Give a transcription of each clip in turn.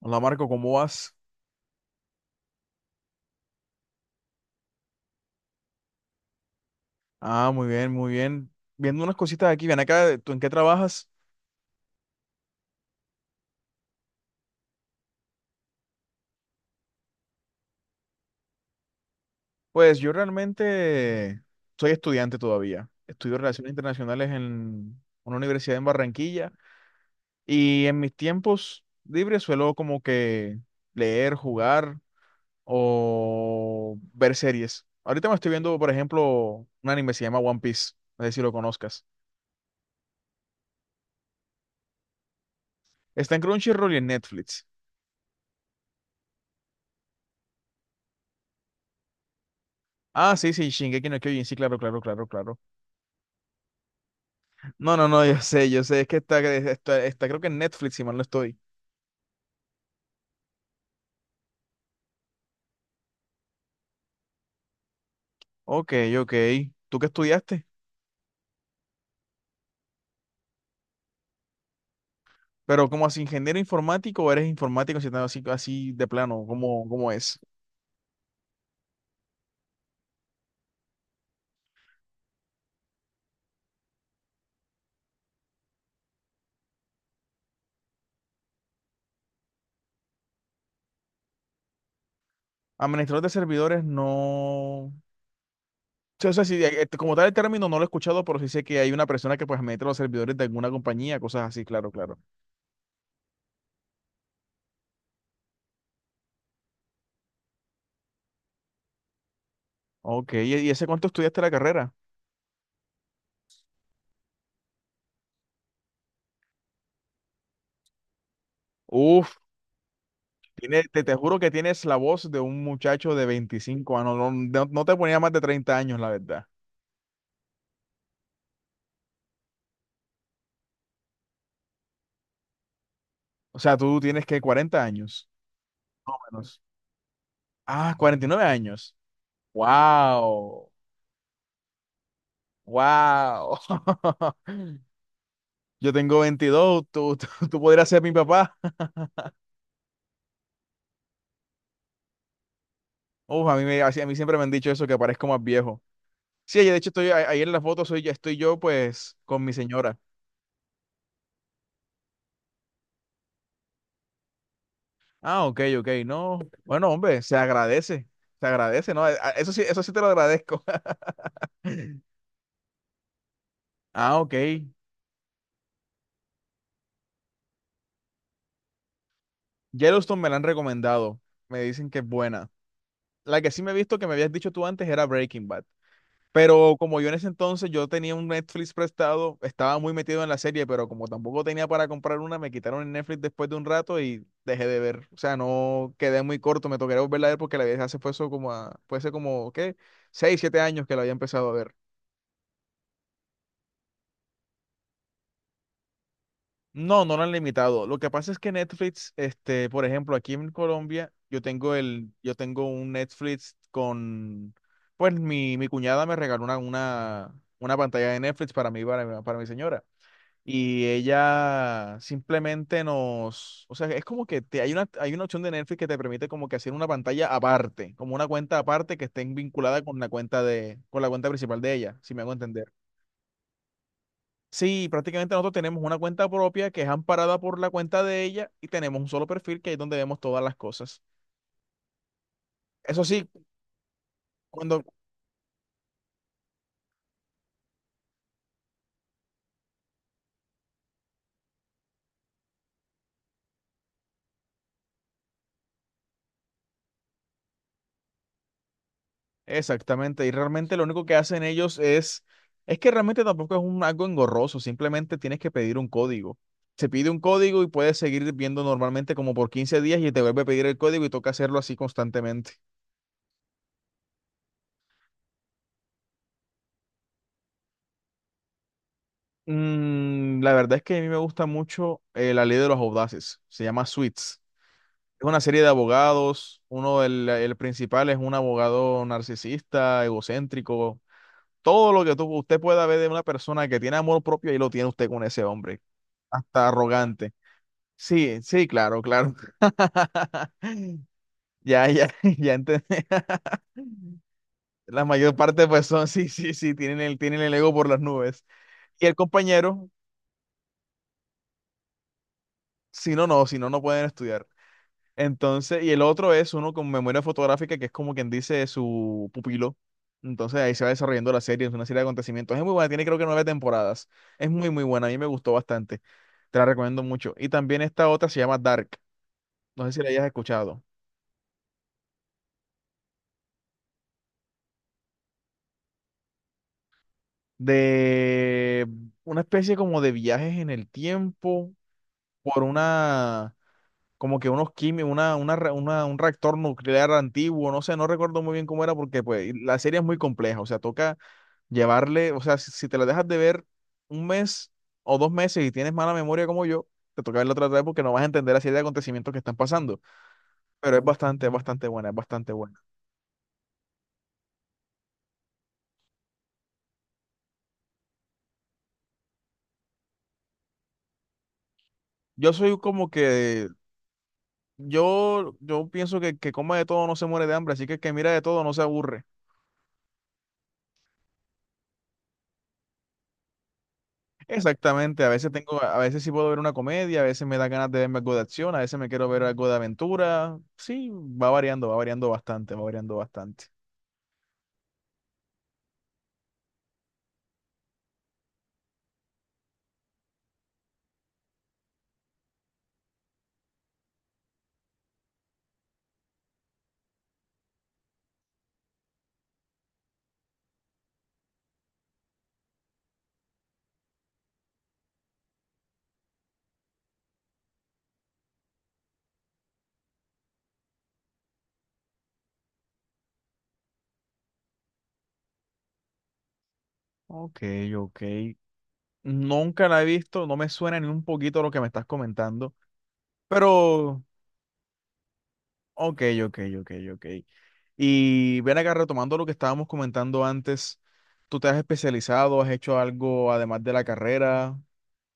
Hola Marco, ¿cómo vas? Ah, muy bien, muy bien. Viendo unas cositas aquí, ven acá, ¿tú en qué trabajas? Pues yo realmente soy estudiante todavía. Estudio Relaciones Internacionales en una universidad en Barranquilla y en mis tiempos libres suelo como que leer, jugar o ver series. Ahorita me estoy viendo, por ejemplo, un anime que se llama One Piece, no sé si lo conozcas. Está en Crunchyroll y en Netflix. Ah, sí, sí, Shingeki no Kyojin, sí, claro, claro, claro, claro. No, no, no, yo sé, es que está creo que en Netflix, si mal no estoy. Ok, ok. ¿Tú qué estudiaste? Pero como así ingeniero informático o eres informático si estás así, así de plano, ¿cómo, cómo es? Administrador de servidores no. Sí, o sea, sí, como tal el término no lo he escuchado, pero sí sé que hay una persona que pues administra los servidores de alguna compañía, cosas así, claro, claro. Ok, ¿y ese cuánto estudiaste la carrera? Uf, te juro que tienes la voz de un muchacho de 25 años, no, no no te ponía más de 30 años, la verdad. O sea, tú tienes que 40 años. Más o menos. Ah, 49 años. Wow. Wow. Yo tengo 22. Tú podrías ser mi papá. Uf, a mí siempre me han dicho eso, que parezco más viejo. Sí, de hecho ahí en la foto, soy, ya estoy yo pues con mi señora. Ah, ok, ok, no. Bueno, hombre, se agradece, ¿no? Eso sí te lo agradezco. Ah, ok. Yellowstone me la han recomendado, me dicen que es buena. La que sí me he visto que me habías dicho tú antes era Breaking Bad. Pero como yo en ese entonces yo tenía un Netflix prestado, estaba muy metido en la serie, pero como tampoco tenía para comprar una, me quitaron el Netflix después de un rato y dejé de ver. O sea, no quedé muy corto, me tocaría volverla a ver porque la vi hace fue eso como a, puede ser como, ¿qué? 6, 7 años que la había empezado a ver. No, no lo han limitado. Lo que pasa es que Netflix, este, por ejemplo, aquí en Colombia, yo tengo un Netflix con, pues mi cuñada me regaló una pantalla de Netflix para mí, para mi señora. Y ella simplemente nos, o sea, es como que te, hay una opción de Netflix que te permite como que hacer una pantalla aparte, como una cuenta aparte que esté vinculada con con la cuenta principal de ella, si me hago entender. Sí, prácticamente nosotros tenemos una cuenta propia que es amparada por la cuenta de ella y tenemos un solo perfil que es donde vemos todas las cosas. Eso sí, cuando... Exactamente, y realmente lo único que hacen ellos es... Es que realmente tampoco es algo engorroso, simplemente tienes que pedir un código. Se pide un código y puedes seguir viendo normalmente como por 15 días y te vuelve a pedir el código y toca hacerlo así constantemente. La verdad es que a mí me gusta mucho la ley de los audaces, se llama Suits. Es una serie de abogados. Uno, el principal es un abogado narcisista, egocéntrico. Todo lo que usted pueda ver de una persona que tiene amor propio, ahí lo tiene usted con ese hombre. Hasta arrogante. Sí, sí, claro, claro. Ya, ya, ya entendí. La mayor parte, pues son, sí, sí, sí, tienen el ego por las nubes. Y el compañero, si no, no, si no, no pueden estudiar. Entonces, y el otro es uno con memoria fotográfica, que es como quien dice su pupilo. Entonces ahí se va desarrollando la serie, es una serie de acontecimientos. Es muy buena, tiene creo que 9 temporadas. Es muy, muy buena, a mí me gustó bastante. Te la recomiendo mucho. Y también esta otra se llama Dark, no sé si la hayas escuchado. De una especie como de viajes en el tiempo por una, como que unos químicos, un reactor nuclear antiguo, no sé, no recuerdo muy bien cómo era porque pues y la serie es muy compleja, o sea, toca llevarle, o sea, si, si te la dejas de ver un mes o dos meses y tienes mala memoria como yo, te toca verla otra vez porque no vas a entender la serie de acontecimientos que están pasando. Pero es bastante buena, es bastante buena. Yo soy como que, yo pienso que coma de todo no se muere de hambre, así que el que mira de todo no se aburre. Exactamente, a veces tengo, a veces sí puedo ver una comedia, a veces me da ganas de verme algo de acción, a veces me quiero ver algo de aventura. Sí, va variando bastante, va variando bastante. Ok, ok. Nunca la he visto, no me suena ni un poquito lo que me estás comentando, pero ok, ok, ok, ok. Y ven acá retomando lo que estábamos comentando antes, ¿tú te has especializado, has hecho algo además de la carrera?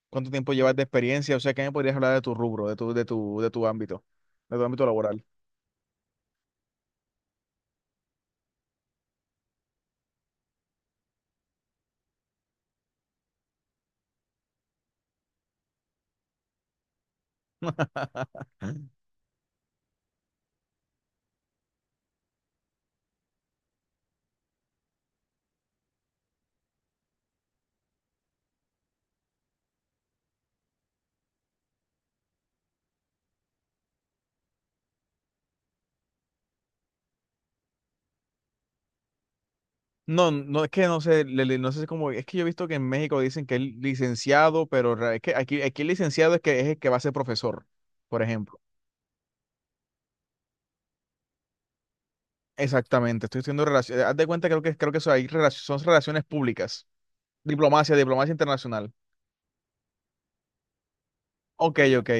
¿Cuánto tiempo llevas de experiencia? O sea, ¿qué me podrías hablar de tu rubro, de tu ámbito laboral? No, no es que no sé, no sé cómo, es que yo he visto que en México dicen que es licenciado, pero es que aquí, aquí el licenciado es que es el que va a ser profesor, por ejemplo. Exactamente, estoy haciendo relaciones. Haz de cuenta, creo que eso hay son relaciones públicas. Diplomacia, diplomacia internacional. Ok, ok.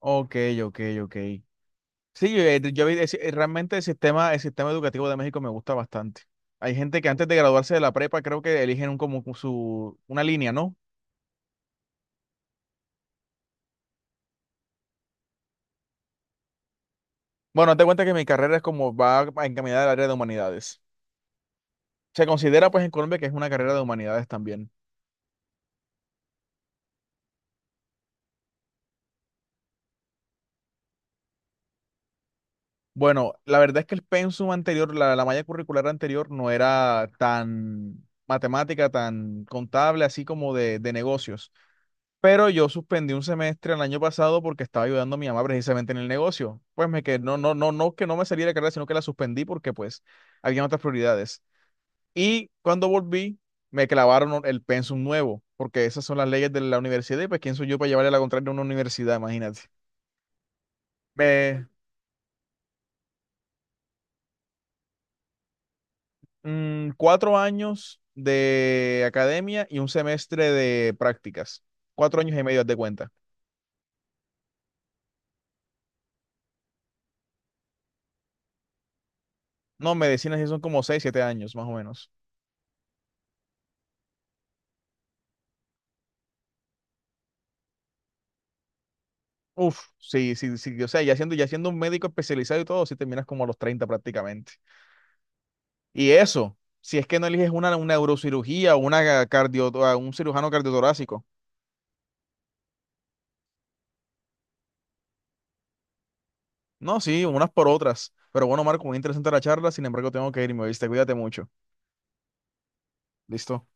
Ok, ok, ok. Sí, realmente el sistema educativo de México me gusta bastante. Hay gente que antes de graduarse de la prepa creo que eligen un, como su, una línea, ¿no? Bueno, haz de cuenta que mi carrera es como va encaminada al área de humanidades. Se considera pues en Colombia que es una carrera de humanidades también. Bueno, la verdad es que el pensum anterior, la malla curricular anterior no era tan matemática, tan contable, así como de negocios. Pero yo suspendí un semestre el año pasado porque estaba ayudando a mi mamá precisamente en el negocio. Pues me que no, no, no, no que no me salí de la carrera, sino que la suspendí porque pues había otras prioridades. Y cuando volví, me clavaron el pensum nuevo, porque esas son las leyes de la universidad y pues quién soy yo para llevarle la contraria a una universidad, imagínate. Me, 4 años de academia y un semestre de prácticas. 4 años y medio, haz de cuenta. No, medicina sí son como 6, 7 años, más o menos. Uf, sí, sí, sí. O sea, ya siendo un médico especializado y todo, sí terminas como a los 30 prácticamente. Y eso, si es que no eliges una neurocirugía o una cardio, o un cirujano cardiotorácico. No, sí, unas por otras. Pero bueno, Marco, muy interesante la charla. Sin embargo, tengo que irme, ¿viste? Cuídate mucho. Listo.